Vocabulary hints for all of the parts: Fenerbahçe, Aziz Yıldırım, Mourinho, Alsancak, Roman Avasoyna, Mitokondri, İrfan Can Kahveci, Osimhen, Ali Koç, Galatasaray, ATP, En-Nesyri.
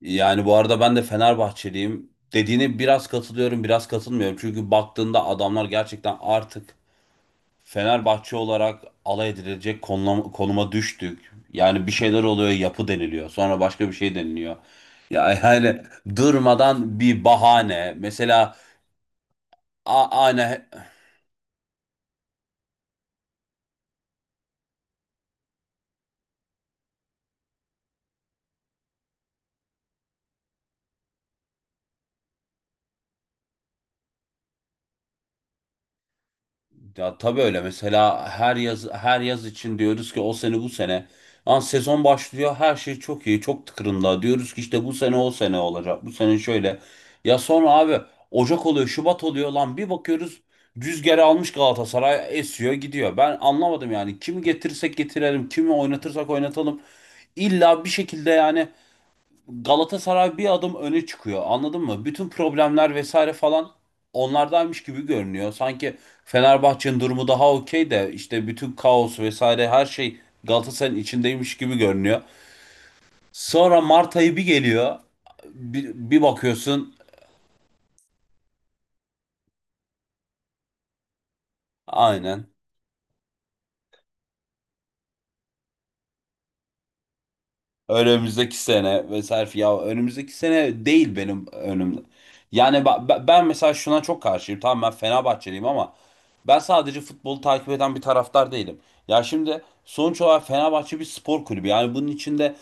Yani bu arada ben de Fenerbahçeliyim. Dediğine biraz katılıyorum, biraz katılmıyorum. Çünkü baktığında adamlar gerçekten artık Fenerbahçe olarak alay edilecek konuma düştük. Yani bir şeyler oluyor, yapı deniliyor. Sonra başka bir şey deniliyor. Ya yani durmadan bir bahane. Mesela aynı. Ya tabii öyle, mesela her yaz için diyoruz ki o sene bu sene. Lan sezon başlıyor, her şey çok iyi, çok tıkırında, diyoruz ki işte bu sene o sene olacak, bu sene şöyle. Ya sonra abi Ocak oluyor, Şubat oluyor, lan bir bakıyoruz, rüzgarı almış Galatasaray esiyor gidiyor. Ben anlamadım yani, kimi getirsek getirelim, kimi oynatırsak oynatalım, illa bir şekilde yani Galatasaray bir adım öne çıkıyor. Anladın mı? Bütün problemler vesaire falan onlardaymış gibi görünüyor. Sanki Fenerbahçe'nin durumu daha okey de, işte bütün kaos vesaire her şey Galatasaray'ın içindeymiş gibi görünüyor. Sonra Mart ayı bir geliyor. Bir bakıyorsun. Aynen, önümüzdeki sene vesaire. Ya önümüzdeki sene değil, benim önümde. Yani ben mesela şuna çok karşıyım. Tamam, ben Fenerbahçeliyim ama ben sadece futbolu takip eden bir taraftar değilim. Ya şimdi sonuç olarak Fenerbahçe bir spor kulübü. Yani bunun içinde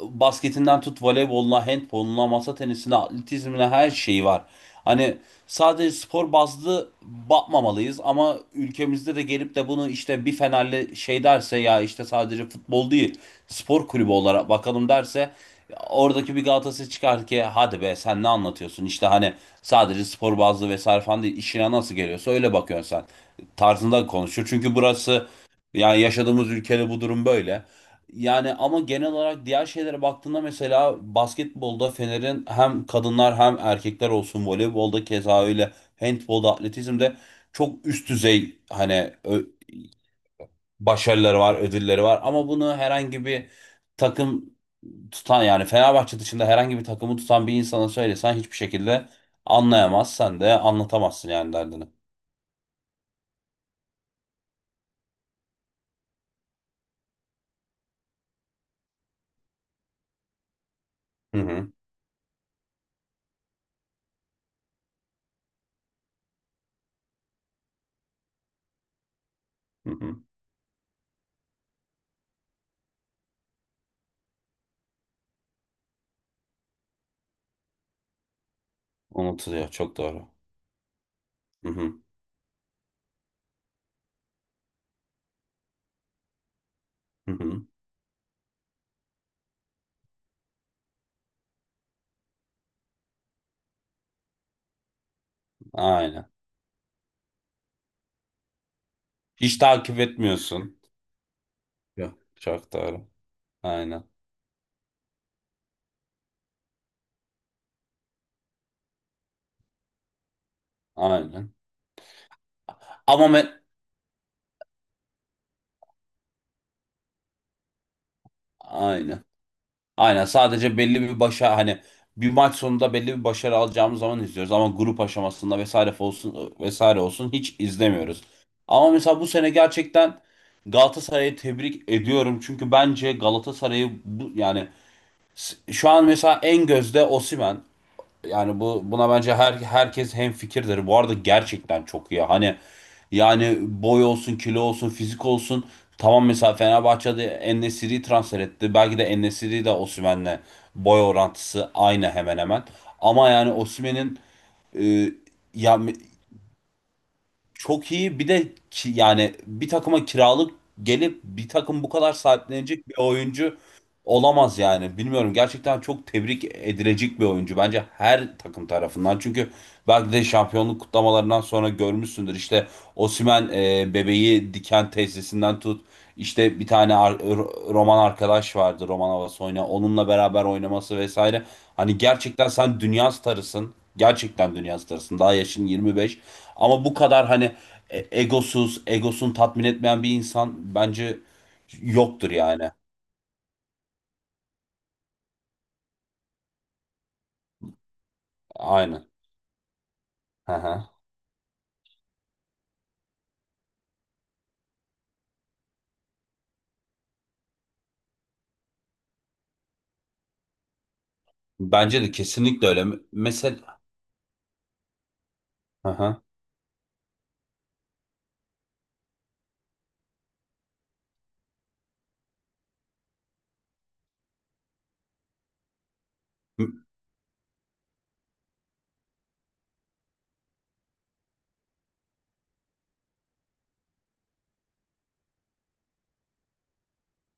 basketinden tut, voleyboluna, handboluna, masa tenisine, atletizmine, her şeyi var. Hani sadece spor bazlı bakmamalıyız ama ülkemizde de gelip de bunu, işte bir Fenerli şey derse ya, işte sadece futbol değil, spor kulübü olarak bakalım derse, oradaki bir Galatasaray çıkar ki hadi be sen ne anlatıyorsun işte, hani sadece spor bazlı vesaire falan değil, işine nasıl geliyorsa öyle bakıyorsun sen tarzında konuşuyor. Çünkü burası, yani yaşadığımız ülkede bu durum böyle. Yani ama genel olarak diğer şeylere baktığında, mesela basketbolda Fener'in hem kadınlar hem erkekler olsun, voleybolda keza öyle, handbolda, atletizmde çok üst düzey, hani başarıları var, ödülleri var, ama bunu herhangi bir takım tutan, yani Fenerbahçe dışında herhangi bir takımı tutan bir insana söylesen hiçbir şekilde anlayamaz, sen de anlatamazsın yani derdini. Hı hı, hı hı. Unutuluyor, çok doğru. Hı hı. Hı hı. Aynen. Hiç takip etmiyorsun. Ya. Çok doğru. Aynen. Aynen. Ama me- aynen. Aynen. Sadece belli bir başa hani, bir maç sonunda belli bir başarı alacağımız zaman izliyoruz ama grup aşamasında vesaire olsun vesaire olsun hiç izlemiyoruz. Ama mesela bu sene gerçekten Galatasaray'ı tebrik ediyorum. Çünkü bence Galatasaray'ı bu, yani şu an mesela en gözde Osimhen. Yani bu buna bence herkes hemfikirdir. Bu arada gerçekten çok iyi. Hani yani boy olsun, kilo olsun, fizik olsun. Tamam, mesela Fenerbahçe'de En-Nesyri'yi transfer etti. Belki de En-Nesyri de Osimhen'le boy orantısı aynı hemen hemen. Ama yani Osimhen'in e, ya çok iyi. Bir de ki, yani bir takıma kiralık gelip bir takım bu kadar sahiplenecek bir oyuncu olamaz yani. Bilmiyorum, gerçekten çok tebrik edilecek bir oyuncu bence her takım tarafından. Çünkü belki de şampiyonluk kutlamalarından sonra görmüşsündür. İşte Osimhen, bebeği diken tesisinden tut. İşte bir tane Roman arkadaş vardı, Roman Avasoyna. Onunla beraber oynaması vesaire. Hani gerçekten sen dünya starısın. Gerçekten dünya starısın. Daha yaşın 25. Ama bu kadar hani egosuz, egosunu tatmin etmeyen bir insan bence yoktur yani. Aynen. Hı hı. Bence de kesinlikle öyle. Mesela hı hı.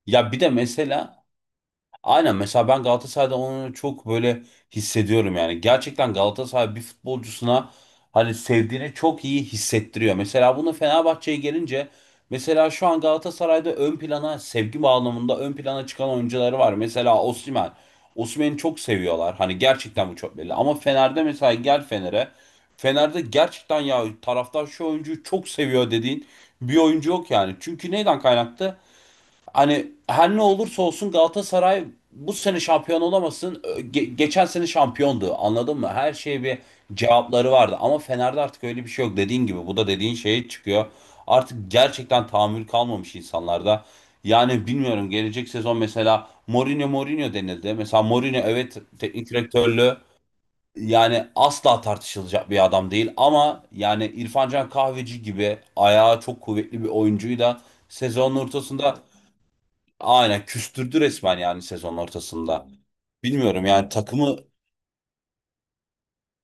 Ya bir de mesela aynen, mesela ben Galatasaray'da onu çok böyle hissediyorum yani. Gerçekten Galatasaray bir futbolcusuna hani sevdiğini çok iyi hissettiriyor. Mesela bunu Fenerbahçe'ye gelince, mesela şu an Galatasaray'da ön plana, sevgi bağlamında ön plana çıkan oyuncuları var. Mesela Osimhen. Osimhen'i çok seviyorlar. Hani gerçekten bu çok belli. Ama Fener'de, mesela gel Fener'e. Fener'de gerçekten ya, taraftar şu oyuncuyu çok seviyor dediğin bir oyuncu yok yani. Çünkü neyden kaynaklı? Hani her ne olursa olsun Galatasaray bu sene şampiyon olamasın. Geçen sene şampiyondu. Anladın mı? Her şeye bir cevapları vardı. Ama Fener'de artık öyle bir şey yok. Dediğin gibi bu da dediğin şeye çıkıyor. Artık gerçekten tahammül kalmamış insanlarda. Yani bilmiyorum, gelecek sezon mesela Mourinho denildi. Mesela Mourinho, evet, teknik direktörlüğü yani asla tartışılacak bir adam değil, ama yani İrfan Can Kahveci gibi ayağı çok kuvvetli bir oyuncuyu da sezonun ortasında aynen küstürdü resmen, yani sezon ortasında. Bilmiyorum yani takımı.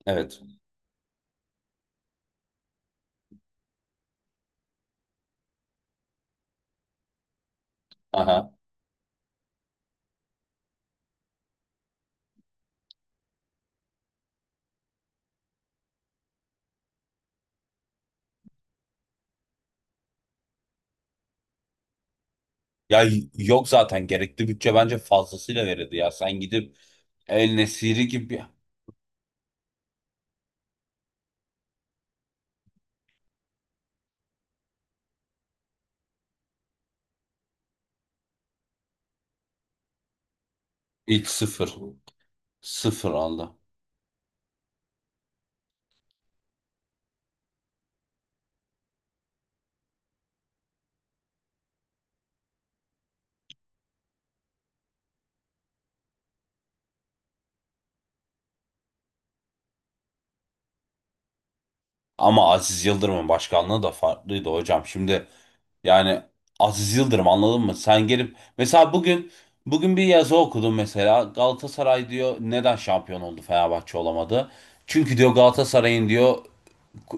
Evet. Aha. Ya yok zaten, gerekli bütçe bence fazlasıyla verildi ya. Sen gidip El Nesiri gibi, ilk sıfır. Sıfır aldı. Ama Aziz Yıldırım'ın başkanlığı da farklıydı hocam. Şimdi yani Aziz Yıldırım, anladın mı? Sen gelip mesela bugün bir yazı okudum mesela. Galatasaray diyor neden şampiyon oldu, Fenerbahçe olamadı? Çünkü diyor Galatasaray'ın diyor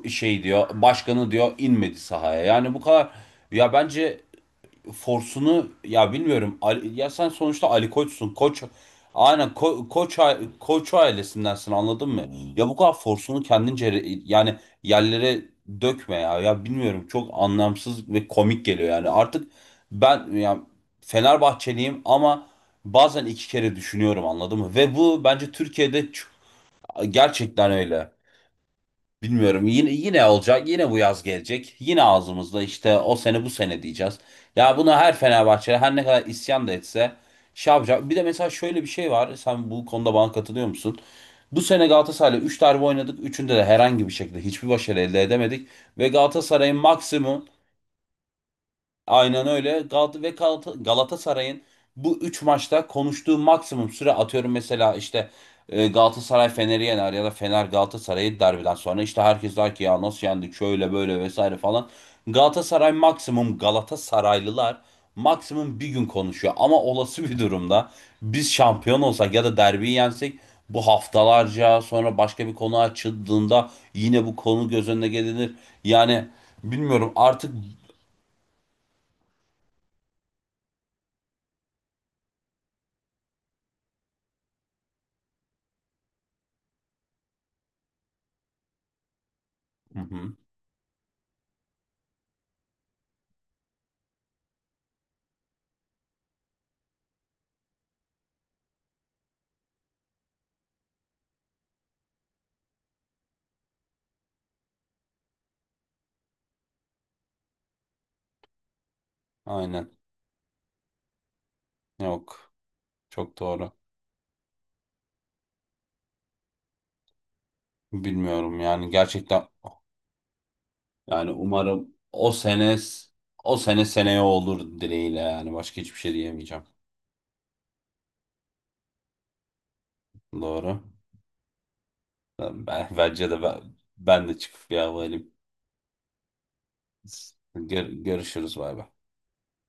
şey, diyor başkanı diyor, inmedi sahaya. Yani bu kadar, ya bence forsunu, ya bilmiyorum, ya sen sonuçta Ali Koç'sun. Koç, aynen, Koç ailesindensin, anladın mı? Ya bu kadar forsunu kendince yani yerlere dökme ya. Ya bilmiyorum, çok anlamsız ve komik geliyor yani. Artık ben ya Fenerbahçeliyim, ama bazen iki kere düşünüyorum, anladın mı? Ve bu bence Türkiye'de gerçekten öyle. Bilmiyorum, yine olacak, yine bu yaz gelecek, yine ağzımızda işte o sene bu sene diyeceğiz. Ya buna her Fenerbahçe her ne kadar isyan da etse şey yapacak. Bir de mesela şöyle bir şey var, sen bu konuda bana katılıyor musun? Bu sene Galatasaray'la 3 derbi oynadık, 3'ünde de herhangi bir şekilde hiçbir başarı elde edemedik. Ve Galatasaray'ın maksimum, aynen öyle. Galatasaray'ın bu 3 maçta konuştuğu maksimum süre, atıyorum mesela işte, Galatasaray Fener'i yener ya da Fener Galatasaray'ı, derbiden sonra işte herkes der ki ya nasıl yendik şöyle böyle vesaire falan. Galatasaray maksimum, Galatasaraylılar maksimum bir gün konuşuyor, ama olası bir durumda biz şampiyon olsak ya da derbiyi yensek, bu haftalarca sonra başka bir konu açıldığında yine bu konu göz önüne gelinir. Yani bilmiyorum artık. Hı hı. Aynen. Yok. Çok doğru. Bilmiyorum yani, gerçekten yani umarım, o sene seneye olur dileğiyle, yani başka hiçbir şey diyemeyeceğim. Doğru. Ben, ben- bence de ben, ben de çıkıp bir hava alayım. Görüşürüz bay bay.